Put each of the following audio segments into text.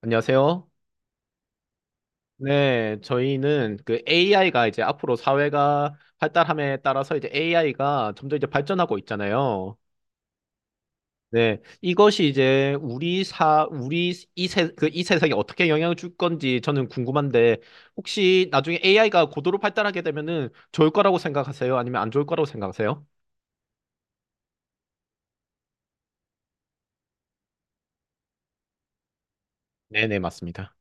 안녕하세요. 네, 저희는 그 AI가 이제 앞으로 사회가 발달함에 따라서 이제 AI가 점점 이제 발전하고 있잖아요. 네, 이것이 이제 우리 사, 우리 이 세, 그 이 세상에 어떻게 영향을 줄 건지 저는 궁금한데, 혹시 나중에 AI가 고도로 발달하게 되면은 좋을 거라고 생각하세요? 아니면 안 좋을 거라고 생각하세요? 네네, 맞습니다.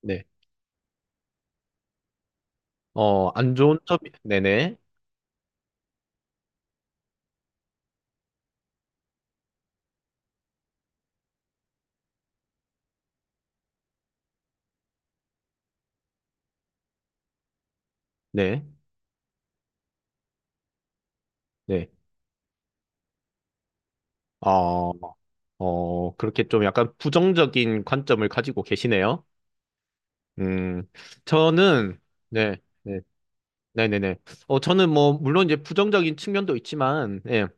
네. 어, 안 좋은 점이, 네네, 네, 네. 어, 그렇게 좀 약간 부정적인 관점을 가지고 계시네요. 음, 저는, 네, 네, 네네네. 저는 뭐, 물론 이제 부정적인 측면도 있지만, 예,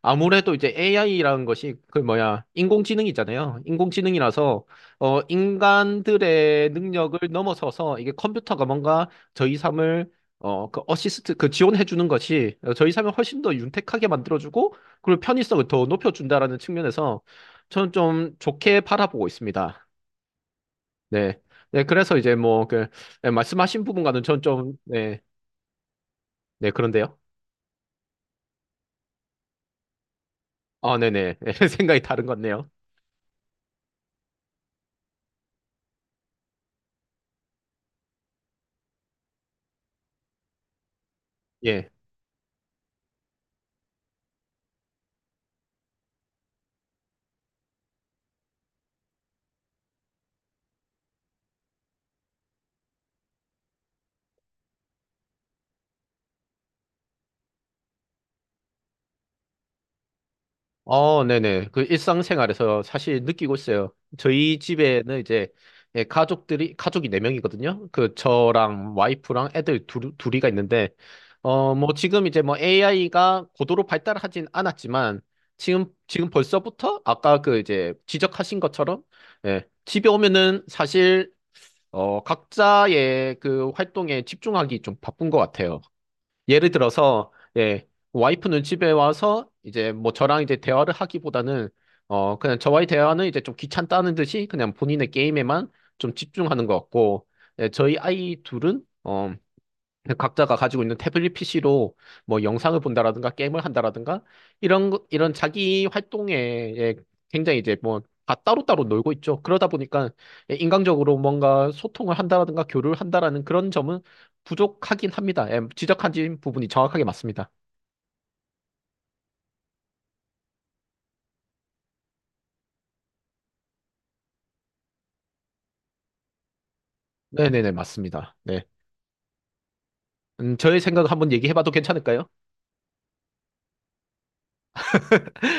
아무래도 이제 AI라는 것이, 그 뭐야, 인공지능이잖아요. 인공지능이라서, 인간들의 능력을 넘어서서 이게 컴퓨터가 뭔가 저희 삶을, 그 지원해주는 것이 저희 삶을 훨씬 더 윤택하게 만들어주고, 그리고 편의성을 더 높여준다라는 측면에서 저는 좀 좋게 바라보고 있습니다. 네. 네, 그래서 이제 뭐, 그, 네, 말씀하신 부분과는 전 좀, 네, 네, 그런데요. 아, 네네. 생각이 다른 것 같네요. 예. 어, 네네. 그 일상생활에서 사실 느끼고 있어요. 저희 집에는 이제, 예, 가족이 네명이거든요그 저랑 와이프랑 애들 둘이가 있는데, 어, 뭐 지금 이제 뭐 AI가 고도로 발달하진 않았지만, 지금 벌써부터 아까 그 이제 지적하신 것처럼, 예, 집에 오면은 사실 각자의 그 활동에 집중하기 좀 바쁜 것 같아요. 예를 들어서, 예, 와이프는 집에 와서 이제 뭐 저랑 이제 대화를 하기보다는, 그냥 저와의 대화는 이제 좀 귀찮다는 듯이 그냥 본인의 게임에만 좀 집중하는 것 같고, 예, 저희 아이 둘은, 그 각자가 가지고 있는 태블릿 PC로 뭐 영상을 본다라든가 게임을 한다라든가 이런 자기 활동에, 예, 굉장히 이제 뭐 다 따로따로 놀고 있죠. 그러다 보니까, 예, 인간적으로 뭔가 소통을 한다라든가 교류를 한다라는 그런 점은 부족하긴 합니다. 예, 지적하신 부분이 정확하게 맞습니다. 네네네, 맞습니다. 네. 저의 생각을 한번 얘기해봐도 괜찮을까요?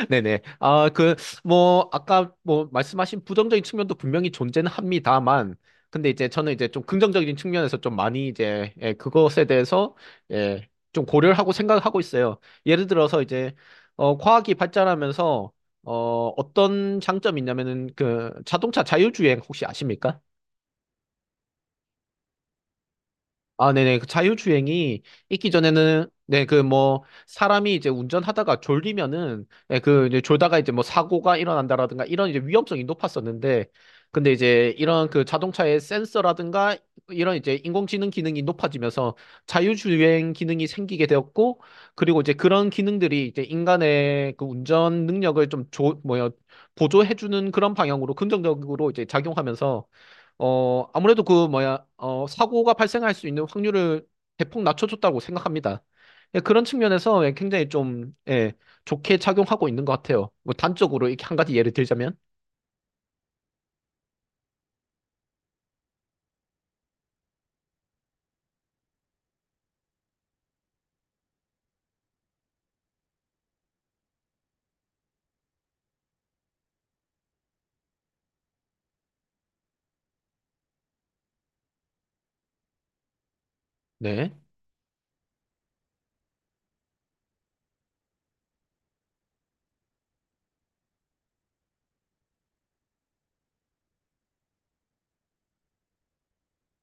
네네. 아, 그, 뭐, 아까 뭐, 말씀하신 부정적인 측면도 분명히 존재는 합니다만, 근데 이제 저는 이제 좀 긍정적인 측면에서 좀 많이 이제, 예, 그것에 대해서, 예, 좀 고려를 하고 생각을 하고 있어요. 예를 들어서 이제, 과학이 발전하면서, 어떤 장점이 있냐면은, 그, 자동차 자율주행 혹시 아십니까? 아, 네네. 그 자율주행이 있기 전에는, 네, 그 뭐, 사람이 이제 운전하다가 졸리면은, 네, 그 이제 졸다가 이제 뭐 사고가 일어난다라든가 이런 이제 위험성이 높았었는데, 근데 이제 이런 그 자동차의 센서라든가 이런 이제 인공지능 기능이 높아지면서 자율주행 기능이 생기게 되었고, 그리고 이제 그런 기능들이 이제 인간의 그 운전 능력을 보조해주는 그런 방향으로 긍정적으로 이제 작용하면서, 아무래도 그 뭐야, 사고가 발생할 수 있는 확률을 대폭 낮춰줬다고 생각합니다. 예, 그런 측면에서, 예, 굉장히 좀, 예, 좋게 작용하고 있는 것 같아요. 뭐 단적으로 이렇게 한 가지 예를 들자면, 네,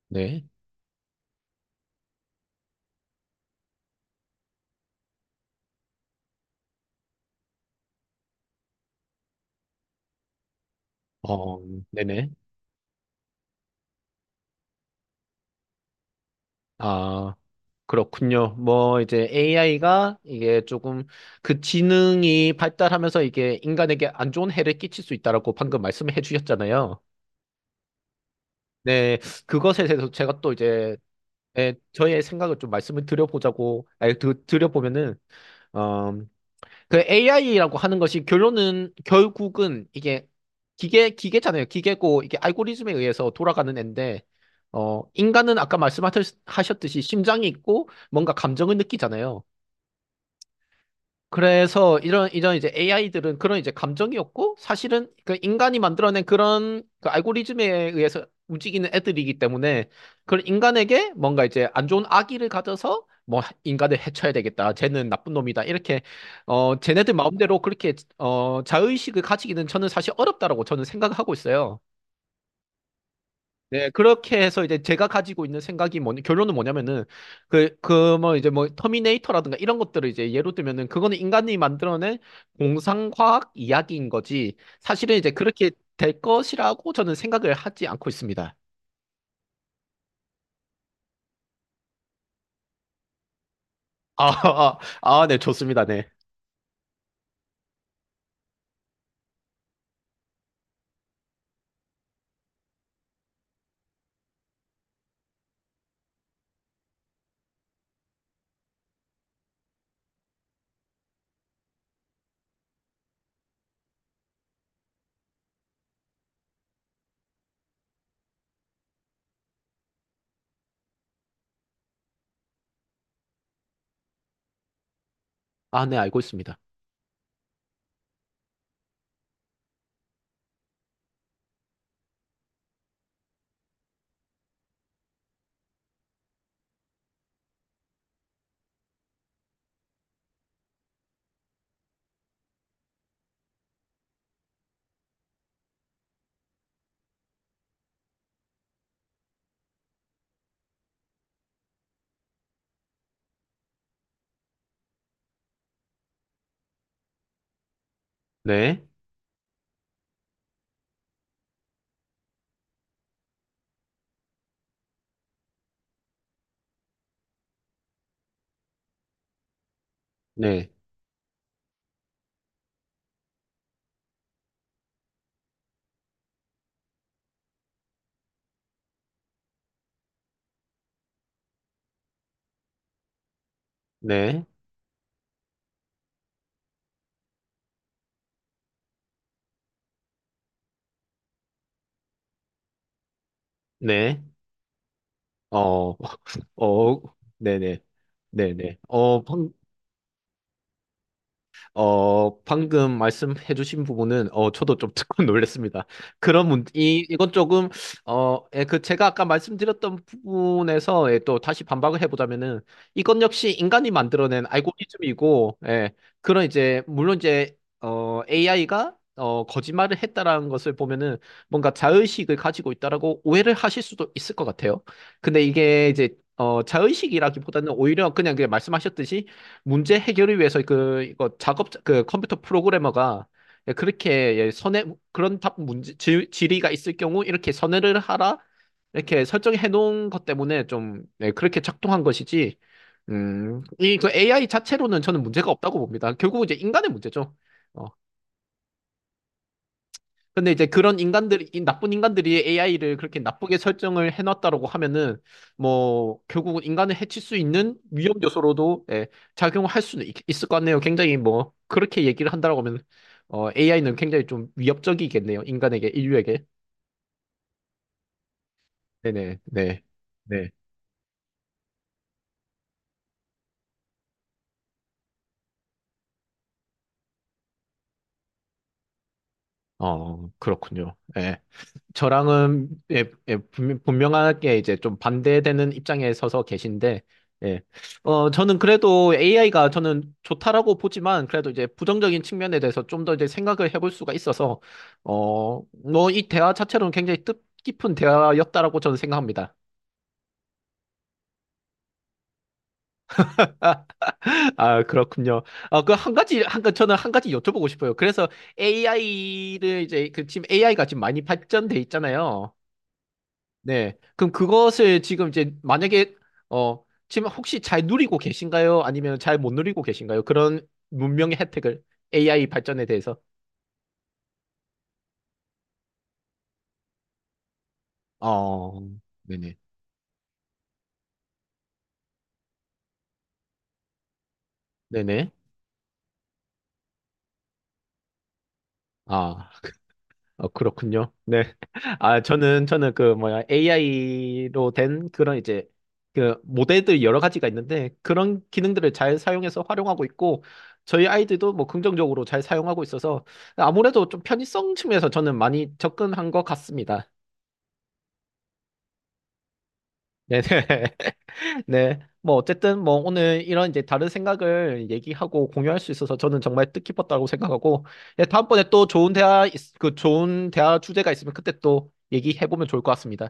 네, 어, 네네. 아, 그렇군요. 뭐 이제 AI가 이게 조금 그 지능이 발달하면서 이게 인간에게 안 좋은 해를 끼칠 수 있다라고 방금 말씀해 주셨잖아요. 네, 그것에 대해서 제가 또 이제, 네, 저의 생각을 좀 말씀을 드려보자고, 아니, 드, 드려보면은, 어, 그 AI라고 하는 것이 결론은, 결국은 이게 기계잖아요. 기계고, 이게 알고리즘에 의해서 돌아가는 앤데, 인간은 아까 말씀하셨듯이 심장이 있고, 뭔가 감정을 느끼잖아요. 그래서 이런 이제 AI들은 그런 이제 감정이었고, 사실은 그 인간이 만들어낸 그런 그 알고리즘에 의해서 움직이는 애들이기 때문에 그런 인간에게 뭔가 이제 안 좋은 악의를 가져서 뭐 인간을 해쳐야 되겠다, 쟤는 나쁜 놈이다, 이렇게 쟤네들 마음대로 그렇게 자의식을 가지기는 저는 사실 어렵다라고 저는 생각하고 있어요. 네, 그렇게 해서 이제 제가 가지고 있는 생각이 뭐냐, 결론은 뭐냐면은, 뭐, 이제 뭐, 터미네이터라든가 이런 것들을 이제 예로 들면은, 그거는 인간이 만들어낸 공상과학 이야기인 거지, 사실은 이제 그렇게 될 것이라고 저는 생각을 하지 않고 있습니다. 아, 아, 아, 네, 좋습니다. 네. 아, 네, 알고 있습니다. 네, 네, 네, 네, 어, 어, 네네, 네네. 방금 말씀해주신 부분은, 저도 좀 듣고 놀랐습니다. 이건 조금, 예, 그, 제가 아까 말씀드렸던 부분에서, 예, 또 다시 반박을 해보자면은, 이건 역시 인간이 만들어낸 알고리즘이고, 예, 그런 이제, 물론 이제, AI가, 거짓말을 했다라는 것을 보면은, 뭔가 자의식을 가지고 있다라고 오해를 하실 수도 있을 것 같아요. 근데 이게 이제, 자의식이라기보다는 오히려 그냥 말씀하셨듯이, 문제 해결을 위해서 그 이거 작업 그 컴퓨터 프로그래머가 그렇게, 예, 선에 그런 답 문제 질의가 있을 경우 이렇게 선회를 하라, 이렇게 설정해 놓은 것 때문에 좀, 네, 그렇게 작동한 것이지, 이 그 AI 자체로는 저는 문제가 없다고 봅니다. 결국은 이제 인간의 문제죠. 어, 근데 이제 그런 인간들이, 이 나쁜 인간들이 AI를 그렇게 나쁘게 설정을 해놨다라고 하면은, 뭐, 결국은 인간을 해칠 수 있는 위험 요소로도, 예, 작용할 수는 있을 것 같네요. 굉장히 뭐, 그렇게 얘기를 한다라고 하면, AI는 굉장히 좀 위협적이겠네요. 인간에게, 인류에게. 네네, 네. 네. 어, 그렇군요. 예. 저랑은, 예, 예, 분명하게 이제 좀 반대되는 입장에 서서 계신데, 예. 저는 그래도 AI가 저는 좋다라고 보지만, 그래도 이제 부정적인 측면에 대해서 좀 더 이제 생각을 해볼 수가 있어서, 뭐, 이 대화 자체로는 굉장히 뜻깊은 대화였다라고 저는 생각합니다. 아, 그렇군요. 아, 그 한 가지, 한, 가- 저는 한 가지 여쭤보고 싶어요. 그래서 AI를 이제, 그 지금 AI가 지금 많이 발전돼 있잖아요. 네. 그럼 그것을 지금 이제 만약에 어 지금 혹시 잘 누리고 계신가요? 아니면 잘 못 누리고 계신가요? 그런 문명의 혜택을, AI 발전에 대해서. 어, 네네. 네네. 아, 그- 그렇군요. 네. 아, 저는 그 뭐야 AI로 된 그런 이제 그 모델들 여러 가지가 있는데 그런 기능들을 잘 사용해서 활용하고 있고, 저희 아이들도 뭐 긍정적으로 잘 사용하고 있어서 아무래도 좀 편의성 측면에서 저는 많이 접근한 것 같습니다. 네네. 네. 뭐, 어쨌든, 뭐, 오늘 이런 이제 다른 생각을 얘기하고 공유할 수 있어서 저는 정말 뜻깊었다고 생각하고, 예, 다음번에 또 그 좋은 대화 주제가 있으면 그때 또 얘기해보면 좋을 것 같습니다.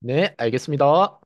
네, 알겠습니다.